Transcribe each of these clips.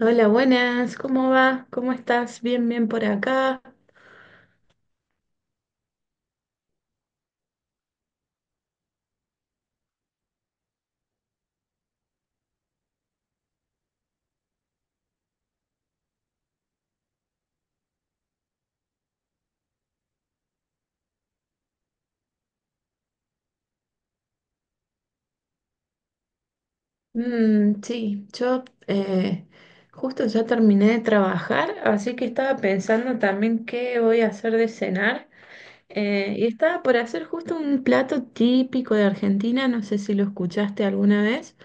Hola, buenas, ¿cómo va? ¿Cómo estás? Bien, bien por acá. Mm, sí, yo justo ya terminé de trabajar, así que estaba pensando también qué voy a hacer de cenar. Y estaba por hacer justo un plato típico de Argentina, no sé si lo escuchaste alguna vez,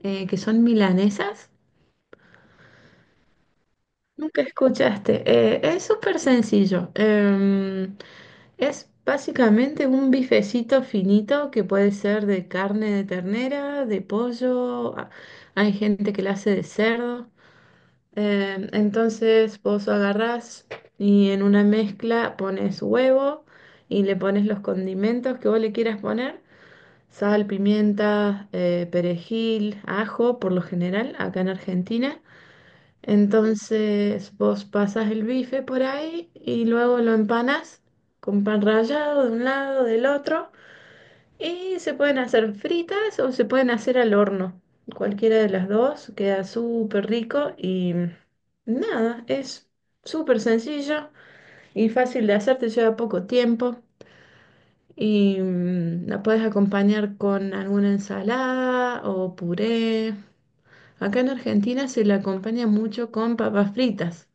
que son milanesas. Nunca escuchaste. Es súper sencillo. Es básicamente un bifecito finito que puede ser de carne de ternera, de pollo. Hay gente que la hace de cerdo. Entonces vos agarrás y en una mezcla pones huevo y le pones los condimentos que vos le quieras poner. Sal, pimienta, perejil, ajo, por lo general, acá en Argentina. Entonces vos pasas el bife por ahí y luego lo empanas con pan rallado de un lado, del otro. Y se pueden hacer fritas o se pueden hacer al horno. Cualquiera de las dos queda súper rico y nada, es súper sencillo y fácil de hacer, te lleva poco tiempo. Y mm, la puedes acompañar con alguna ensalada o puré. Acá en Argentina se la acompaña mucho con papas fritas.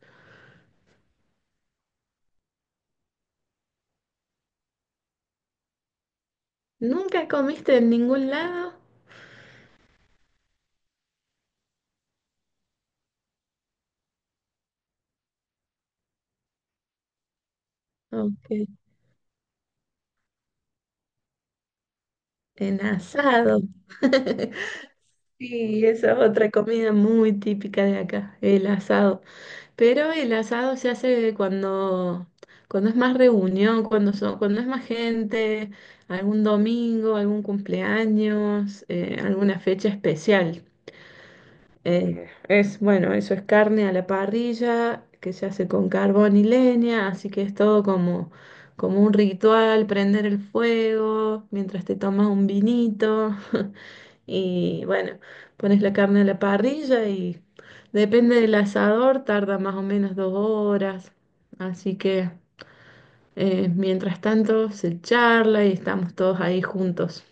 ¿Nunca comiste en ningún lado? Ok, en asado. Sí, esa es otra comida muy típica de acá, el asado. Pero el asado se hace cuando es más reunión, cuando es más gente, algún domingo, algún cumpleaños, alguna fecha especial. Bueno, eso es carne a la parrilla, que se hace con carbón y leña, así que es todo como un ritual, prender el fuego mientras te tomas un vinito y bueno, pones la carne a la parrilla y depende del asador, tarda más o menos dos horas, así que mientras tanto se charla y estamos todos ahí juntos.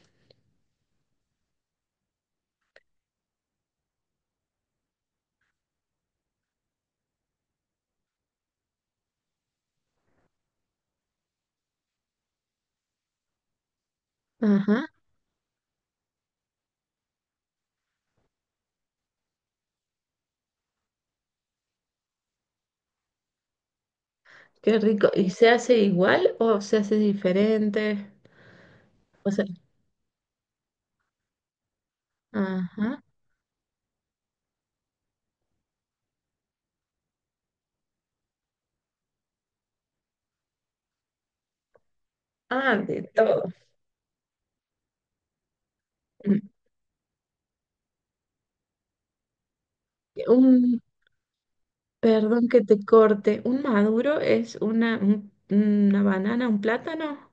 Ajá, qué rico. ¿Y se hace igual o se hace diferente? O sea, ajá. Ah, de todo. Mm. Un, perdón que te corte, un maduro es una banana, un plátano.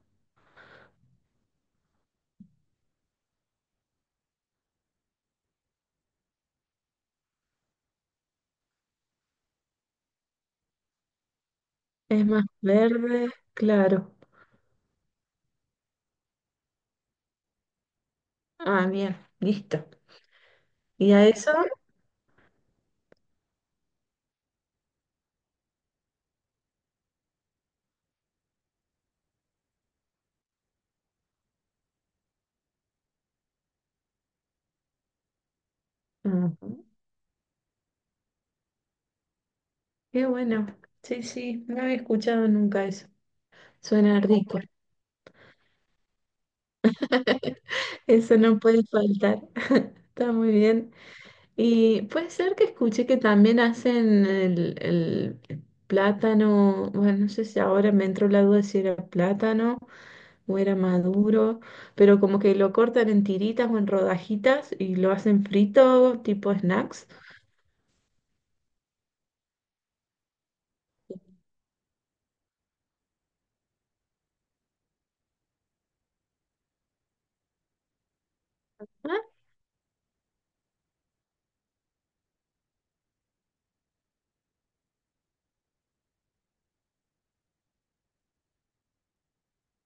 Es más verde, claro. Ah, bien, listo. ¿Y a eso? Ajá. Qué bueno. Sí, sí, no había escuchado nunca eso. Suena rico. Eso no puede faltar. Está muy bien. Y puede ser que escuché que también hacen el plátano, bueno, no sé si ahora me entró la duda de si era plátano o era maduro, pero como que lo cortan en tiritas o en rodajitas y lo hacen frito, tipo snacks. Ah,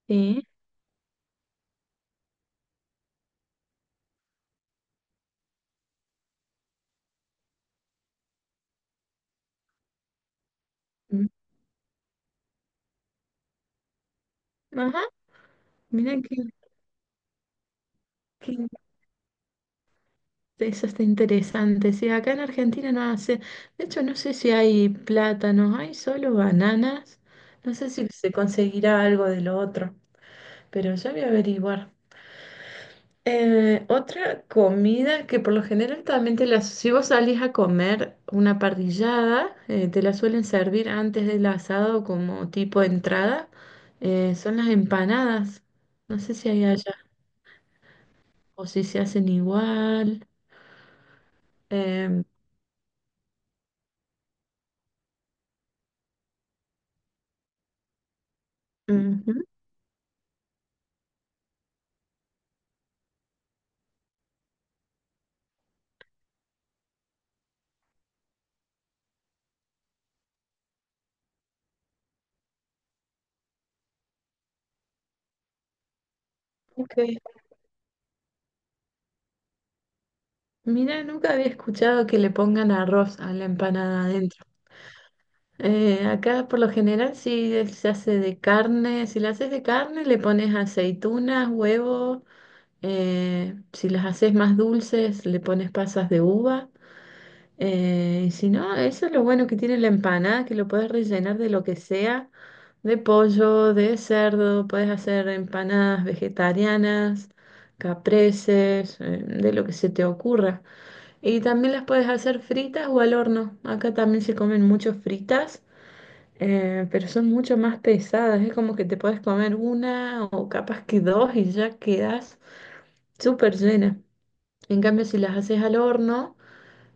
sí. Mm. Ajá, mira, que eso está interesante. Sí, acá en Argentina no hace, de hecho no sé si hay plátanos, hay solo bananas, no sé si se conseguirá algo de lo otro. Pero ya voy a averiguar. Otra comida que por lo general también te la... Si vos salís a comer una parrillada, te la suelen servir antes del asado como tipo de entrada, son las empanadas. No sé si hay allá o si se hacen igual. Em, ujú, ok. Mira, nunca había escuchado que le pongan arroz a la empanada adentro. Acá por lo general se hace de carne, si la haces de carne le pones aceitunas, huevo, si las haces más dulces le pones pasas de uva, y si no, eso es lo bueno que tiene la empanada, que lo puedes rellenar de lo que sea, de pollo, de cerdo, puedes hacer empanadas vegetarianas, capreses, de lo que se te ocurra. Y también las puedes hacer fritas o al horno, acá también se comen mucho fritas pero son mucho más pesadas, es como que te puedes comer una o capaz que dos y ya quedas súper llena. En cambio, si las haces al horno,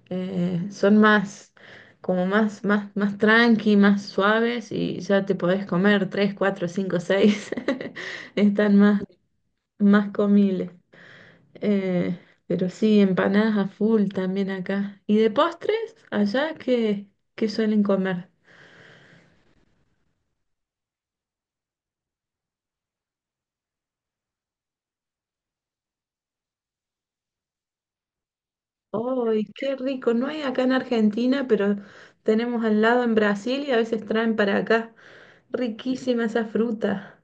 eh, son más, como más tranqui, más suaves y ya te podés comer tres, cuatro, cinco, seis. Están más, más comibles. Eh, pero sí, empanadas a full también acá. ¿Y de postres? ¿Qué suelen comer? ¡Ay, qué rico! No hay acá en Argentina, pero tenemos al lado en Brasil y a veces traen para acá. Riquísima esa fruta.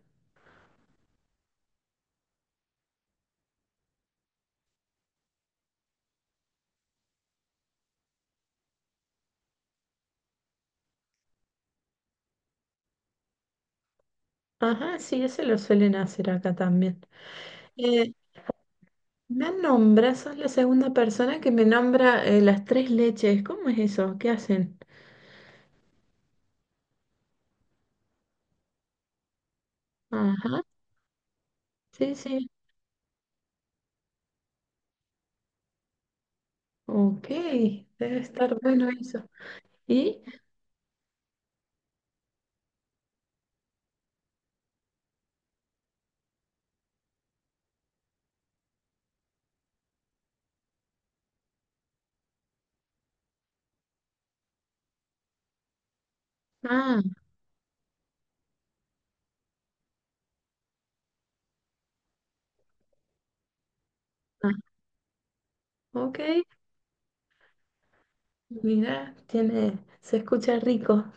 Ajá, sí, ese lo suelen hacer acá también. Eh, me nombras, sos la segunda persona que me nombra las tres leches. ¿Cómo es eso? ¿Qué hacen? Ajá, sí, sí. Ok, debe estar bueno eso. ¿Y? Ah, ah, ok. Mira, tiene, se escucha rico.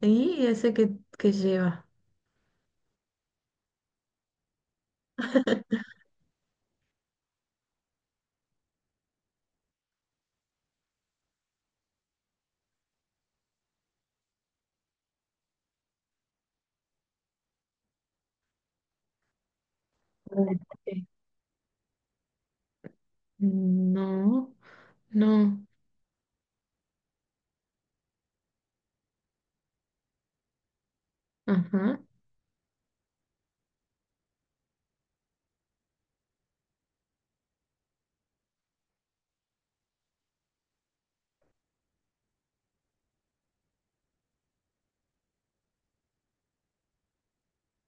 ¿Y ese que, ¿que lleva? Ok. No, no, ajá.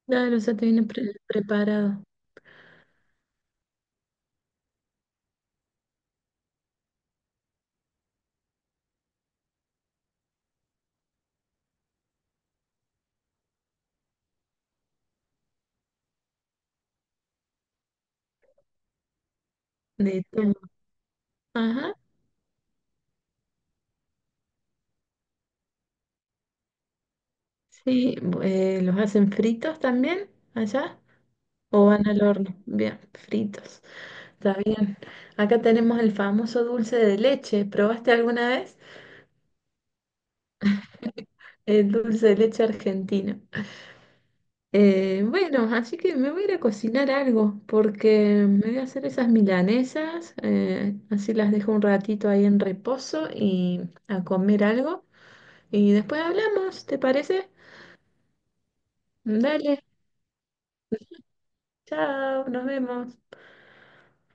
Claro, o sea, te viene preparado de todo. Ajá, sí, ¿los hacen fritos también allá? ¿O van al horno? Bien, fritos, está bien. Acá tenemos el famoso dulce de leche. ¿Probaste alguna vez el dulce de leche argentino? Bueno, así que me voy a ir a cocinar algo, porque me voy a hacer esas milanesas, así las dejo un ratito ahí en reposo y a comer algo. Y después hablamos, ¿te parece? Dale, chao, nos vemos.